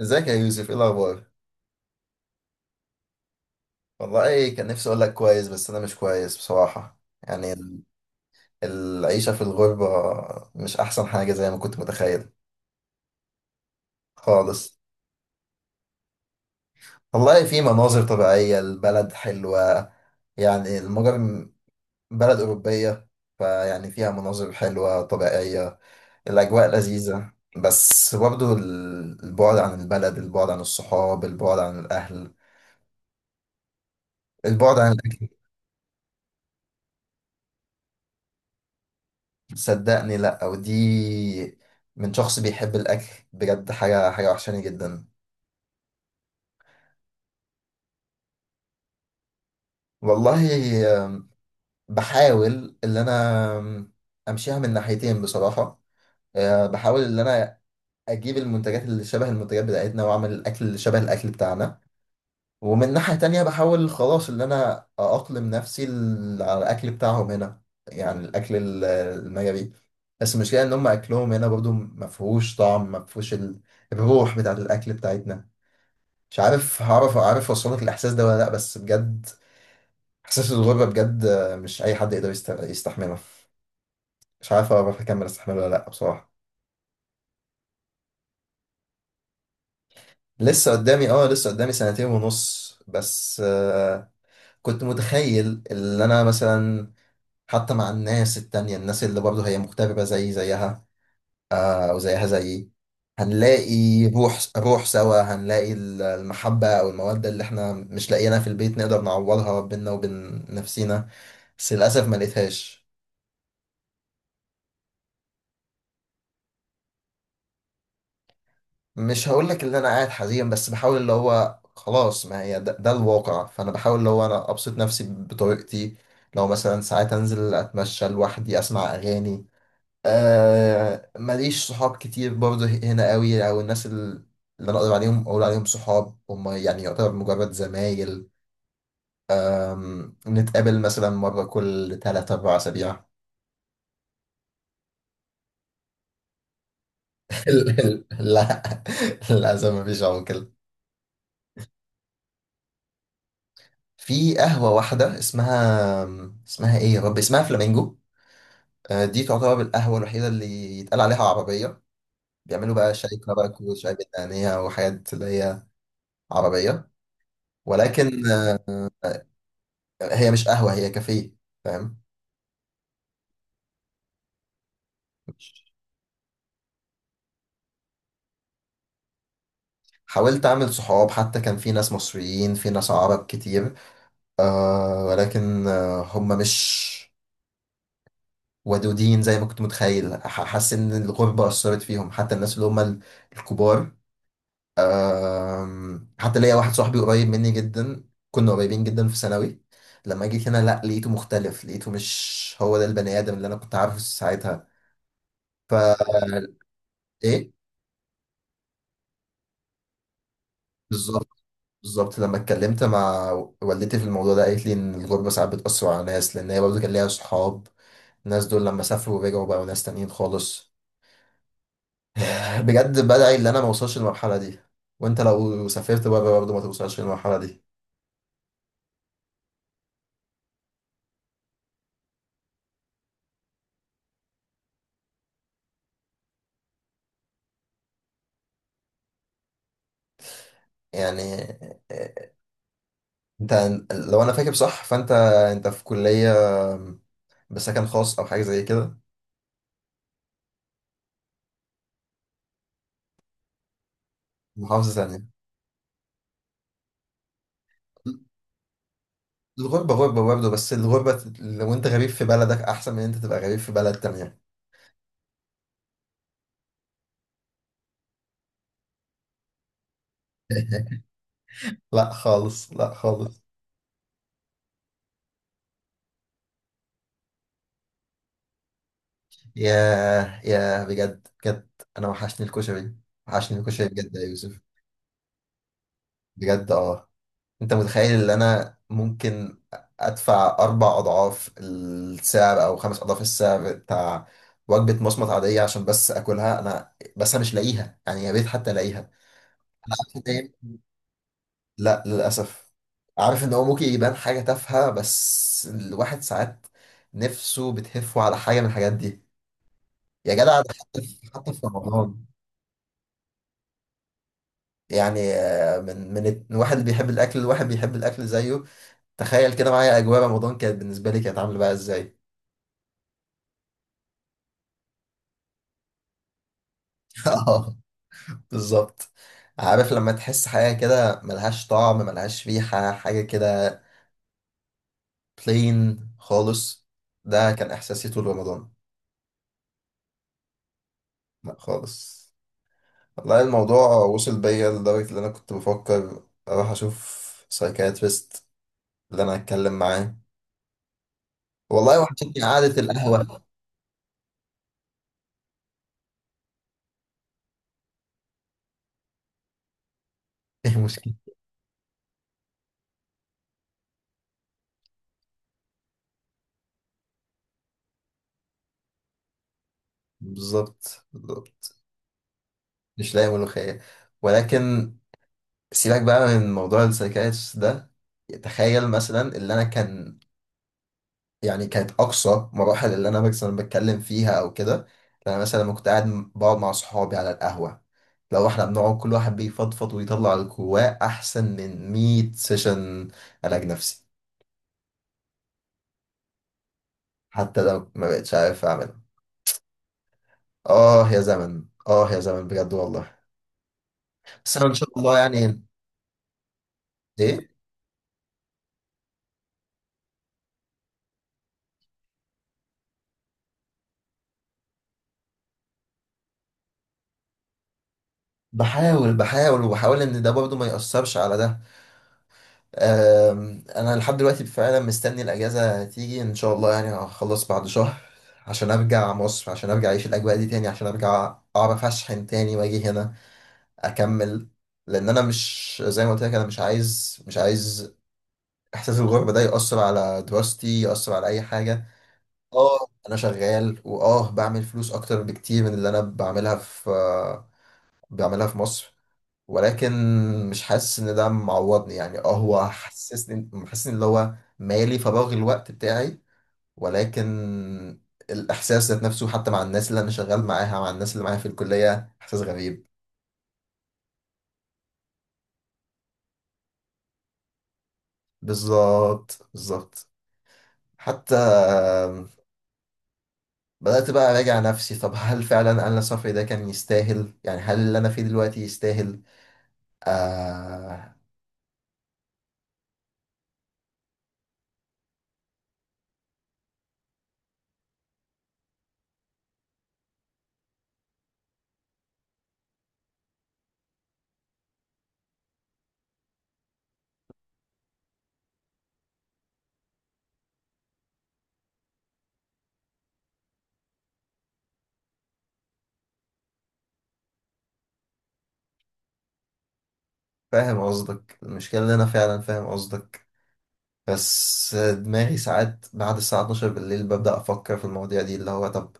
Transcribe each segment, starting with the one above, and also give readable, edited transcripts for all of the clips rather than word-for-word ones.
ازيك يا يوسف؟ ايه الاخبار؟ والله كان نفسي اقول لك كويس، بس انا مش كويس بصراحة. العيشة في الغربة مش احسن حاجة زي ما كنت متخيل. خالص. والله في مناظر طبيعية، البلد حلوة. يعني المجر بلد أوروبية، فيعني فيها مناظر حلوة طبيعية. الأجواء لذيذة، بس برضه البعد عن البلد، البعد عن الصحاب، البعد عن الأهل. البعد عن الأكل. صدقني لا، ودي من شخص بيحب الاكل، بجد حاجه وحشاني جدا. والله بحاول ان انا امشيها من ناحيتين بصراحه. بحاول ان انا اجيب المنتجات اللي شبه المنتجات بتاعتنا، واعمل الاكل اللي شبه الاكل بتاعنا. ومن ناحيه تانية بحاول خلاص ان انا اأقلم نفسي على الاكل بتاعهم هنا. يعني الاكل المجري. بس المشكله ان هم اكلهم هنا برضو مفهوش طعم، مفهوش الروح بتاعت الاكل بتاعتنا. مش عارف عارف اوصلك الاحساس ده ولا لا، بس بجد احساس الغربه بجد، مش اي حد يقدر يستحمله. مش عارف اعرف اكمل استحمله ولا لا بصراحه. لسه قدامي، اه لسه قدامي سنتين ونص بس. آه، كنت متخيل ان انا مثلا، حتى مع الناس التانية، الناس اللي برضه هي مغتربة زي زيها، أو زيها زيي، هنلاقي روح سوا، هنلاقي المحبة أو المودة اللي احنا مش لاقيينها في البيت، نقدر نعوضها بينا وبين نفسينا. بس للأسف ما لقيتهاش. مش هقول لك ان انا قاعد حزين، بس بحاول اللي هو خلاص، ما هي ده الواقع، فانا بحاول اللي هو انا ابسط نفسي بطريقتي. لو مثلا ساعات انزل اتمشى لوحدي، اسمع اغاني. آه، ماليش صحاب كتير برضه هنا قوي، او الناس اللي انا اقدر عليهم اقول عليهم صحاب، هم يعني يعتبر مجرد زمايل. نتقابل مثلا مرة كل 3 4 اسابيع. لا، للاسف مفيش عمر. في قهوة واحدة اسمها، اسمها ايه يا رب، اسمها فلامينجو. آه، دي تعتبر القهوة الوحيدة اللي يتقال عليها عربية. بيعملوا بقى شاي كرك وشاي بالنعناع وحاجات اللي هي عربية، ولكن آه، هي مش قهوة، هي كافيه. فاهم. حاولت أعمل صحاب، حتى كان في ناس مصريين، في ناس عرب كتير، آه، ولكن آه هم مش ودودين زي ما كنت متخيل. حاسس إن الغربة أثرت فيهم، حتى الناس اللي هم الكبار. حتى ليا واحد صاحبي قريب مني جدا، كنا قريبين جدا في ثانوي. لما جيت هنا لا، لقيته مختلف، لقيته مش هو ده البني آدم اللي انا كنت عارفه ساعتها. ف ايه. بالظبط، بالظبط. لما اتكلمت مع والدتي في الموضوع ده، قالت لي ان الغربة ساعات بتأثر على ناس، لان هي برضه كان ليها صحاب، الناس دول لما سافروا ورجعوا بقوا ناس تانيين خالص. بجد بدعي ان انا ما اوصلش للمرحلة دي. وانت لو سافرت بره برضه ما توصلش للمرحلة دي. يعني انت، لو انا فاكر صح فانت، انت في كلية بسكن خاص او حاجة زي كده. محافظة ثانية. الغربة غربة برضه، بس الغربة لو انت غريب في بلدك احسن من انت تبقى غريب في بلد تانية. لا خالص، لا خالص. ياه، ياه، بجد بجد، انا وحشني الكشري، وحشني الكشري بجد يا يوسف. بجد اه. انت متخيل ان انا ممكن ادفع اربع اضعاف السعر او خمس اضعاف السعر بتاع وجبه مصمت عاديه عشان بس اكلها، انا بس انا مش لاقيها، يعني يا ريت حتى الاقيها. انا عارف إن هي- لا للاسف. عارف ان هو ممكن يبان حاجه تافهه، بس الواحد ساعات نفسه بتهفه على حاجه من الحاجات دي. يا جدع، ده حتى في، حتى في رمضان. يعني من الواحد اللي بيحب الاكل، الواحد بيحب الاكل زيه، تخيل كده معايا اجواء رمضان كانت بالنسبه لي، كانت عامله بقى ازاي. اه، بالظبط. عارف لما تحس حاجة كده ملهاش طعم، ملهاش ريحة، حاجة كده بلين خالص. ده كان إحساسي طول رمضان. لا خالص. والله الموضوع وصل بيا لدرجة إن أنا كنت بفكر أروح أشوف سايكاتريست اللي أنا أتكلم معاه. والله وحشتني قعدة القهوة. إيه المشكلة؟ بالظبط، بالظبط. مش لاقي ملوخية. ولكن سيبك بقى من موضوع السايكاتريست ده. تخيل مثلا اللي أنا كان، يعني كانت أقصى مراحل اللي أنا مثلا بتكلم فيها أو كده، أنا مثلا لما كنت قاعد بقعد مع صحابي على القهوة، لو احنا بنقعد كل واحد بيفضفض ويطلع اللي جواه، أحسن من 100 سيشن علاج نفسي. حتى لو ما بقتش عارف أعملها. آه يا زمن، آه يا زمن، بجد والله. بس أنا إن شاء الله يعني. إيه. بحاول، بحاول وبحاول إن ده برضه ما يأثرش على ده. انا لحد دلوقتي فعلا مستني الاجازه تيجي ان شاء الله، يعني هخلص بعد شهر، عشان ارجع مصر، عشان ارجع اعيش الاجواء دي تاني، عشان ارجع اعرف اشحن تاني واجي هنا اكمل. لان انا مش، زي ما قلت لك انا مش عايز احساس الغربه ده ياثر على دراستي، ياثر على اي حاجه. اه انا شغال، واه بعمل فلوس اكتر بكتير من اللي انا بعملها في مصر. ولكن مش حاسس ان ده معوضني، يعني اه هو محسسني اللي هو مالي فراغ الوقت بتاعي. ولكن الاحساس ذات نفسه حتى مع الناس اللي انا شغال معاها، مع الناس اللي معايا في الكليه، احساس غريب. بالظبط، بالظبط. حتى بدات بقى اراجع نفسي، طب هل فعلا انا سفري ده كان يستاهل؟ يعني هل اللي انا فيه دلوقتي يستاهل؟ آه. فاهم قصدك، المشكله ان انا فعلا فاهم قصدك. بس دماغي ساعات بعد الساعة 12 بالليل ببدأ أفكر في المواضيع دي، اللي هو طب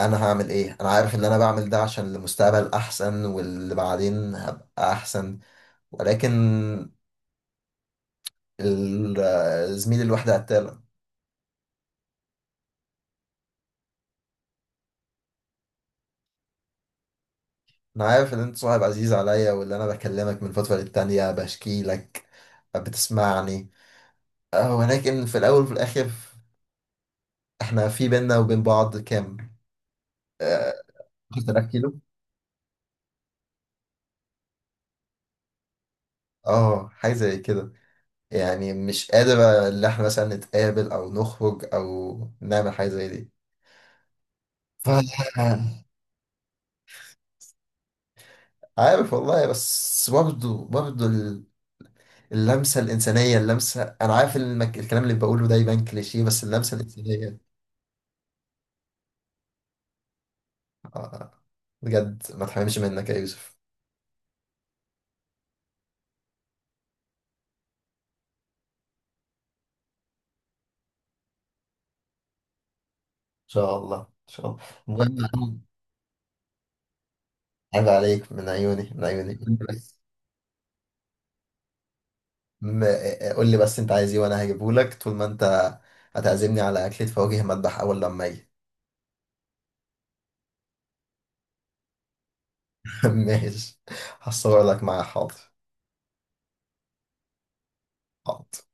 أنا هعمل إيه؟ أنا عارف إن أنا بعمل ده عشان المستقبل أحسن، واللي بعدين هبقى أحسن. ولكن زميلي الوحدة قتالة. أنا عارف إن أنت صاحب عزيز عليا، واللي أنا بكلمك من فترة للتانية بشكي لك، بتسمعني. أه، ولكن في الأول وفي الآخر، إحنا في بينا وبين بعض كام؟ آه، 10,000 كيلو؟ آه حاجة زي كده. يعني مش قادر اللي احنا مثلا نتقابل او نخرج او نعمل حاجة زي دي. ف عارف والله، بس برضه برضه اللمسة الإنسانية، اللمسة، أنا عارف إن الكلام اللي بقوله ده يبان كليشيه، بس اللمسة الإنسانية. آه، بجد ما تحرمش منك يا يوسف. إن شاء الله، إن شاء الله المهم. عيب عليك، من عيوني، من عيوني، قول لي بس. م... قول لي بس أنت عايز إيه وأنا هجيبه لك، طول ما أنت هتعزمني على أكلة فواكه مذبح أول لما أجي. ماشي، هصور لك معايا، حاضر. حاضر.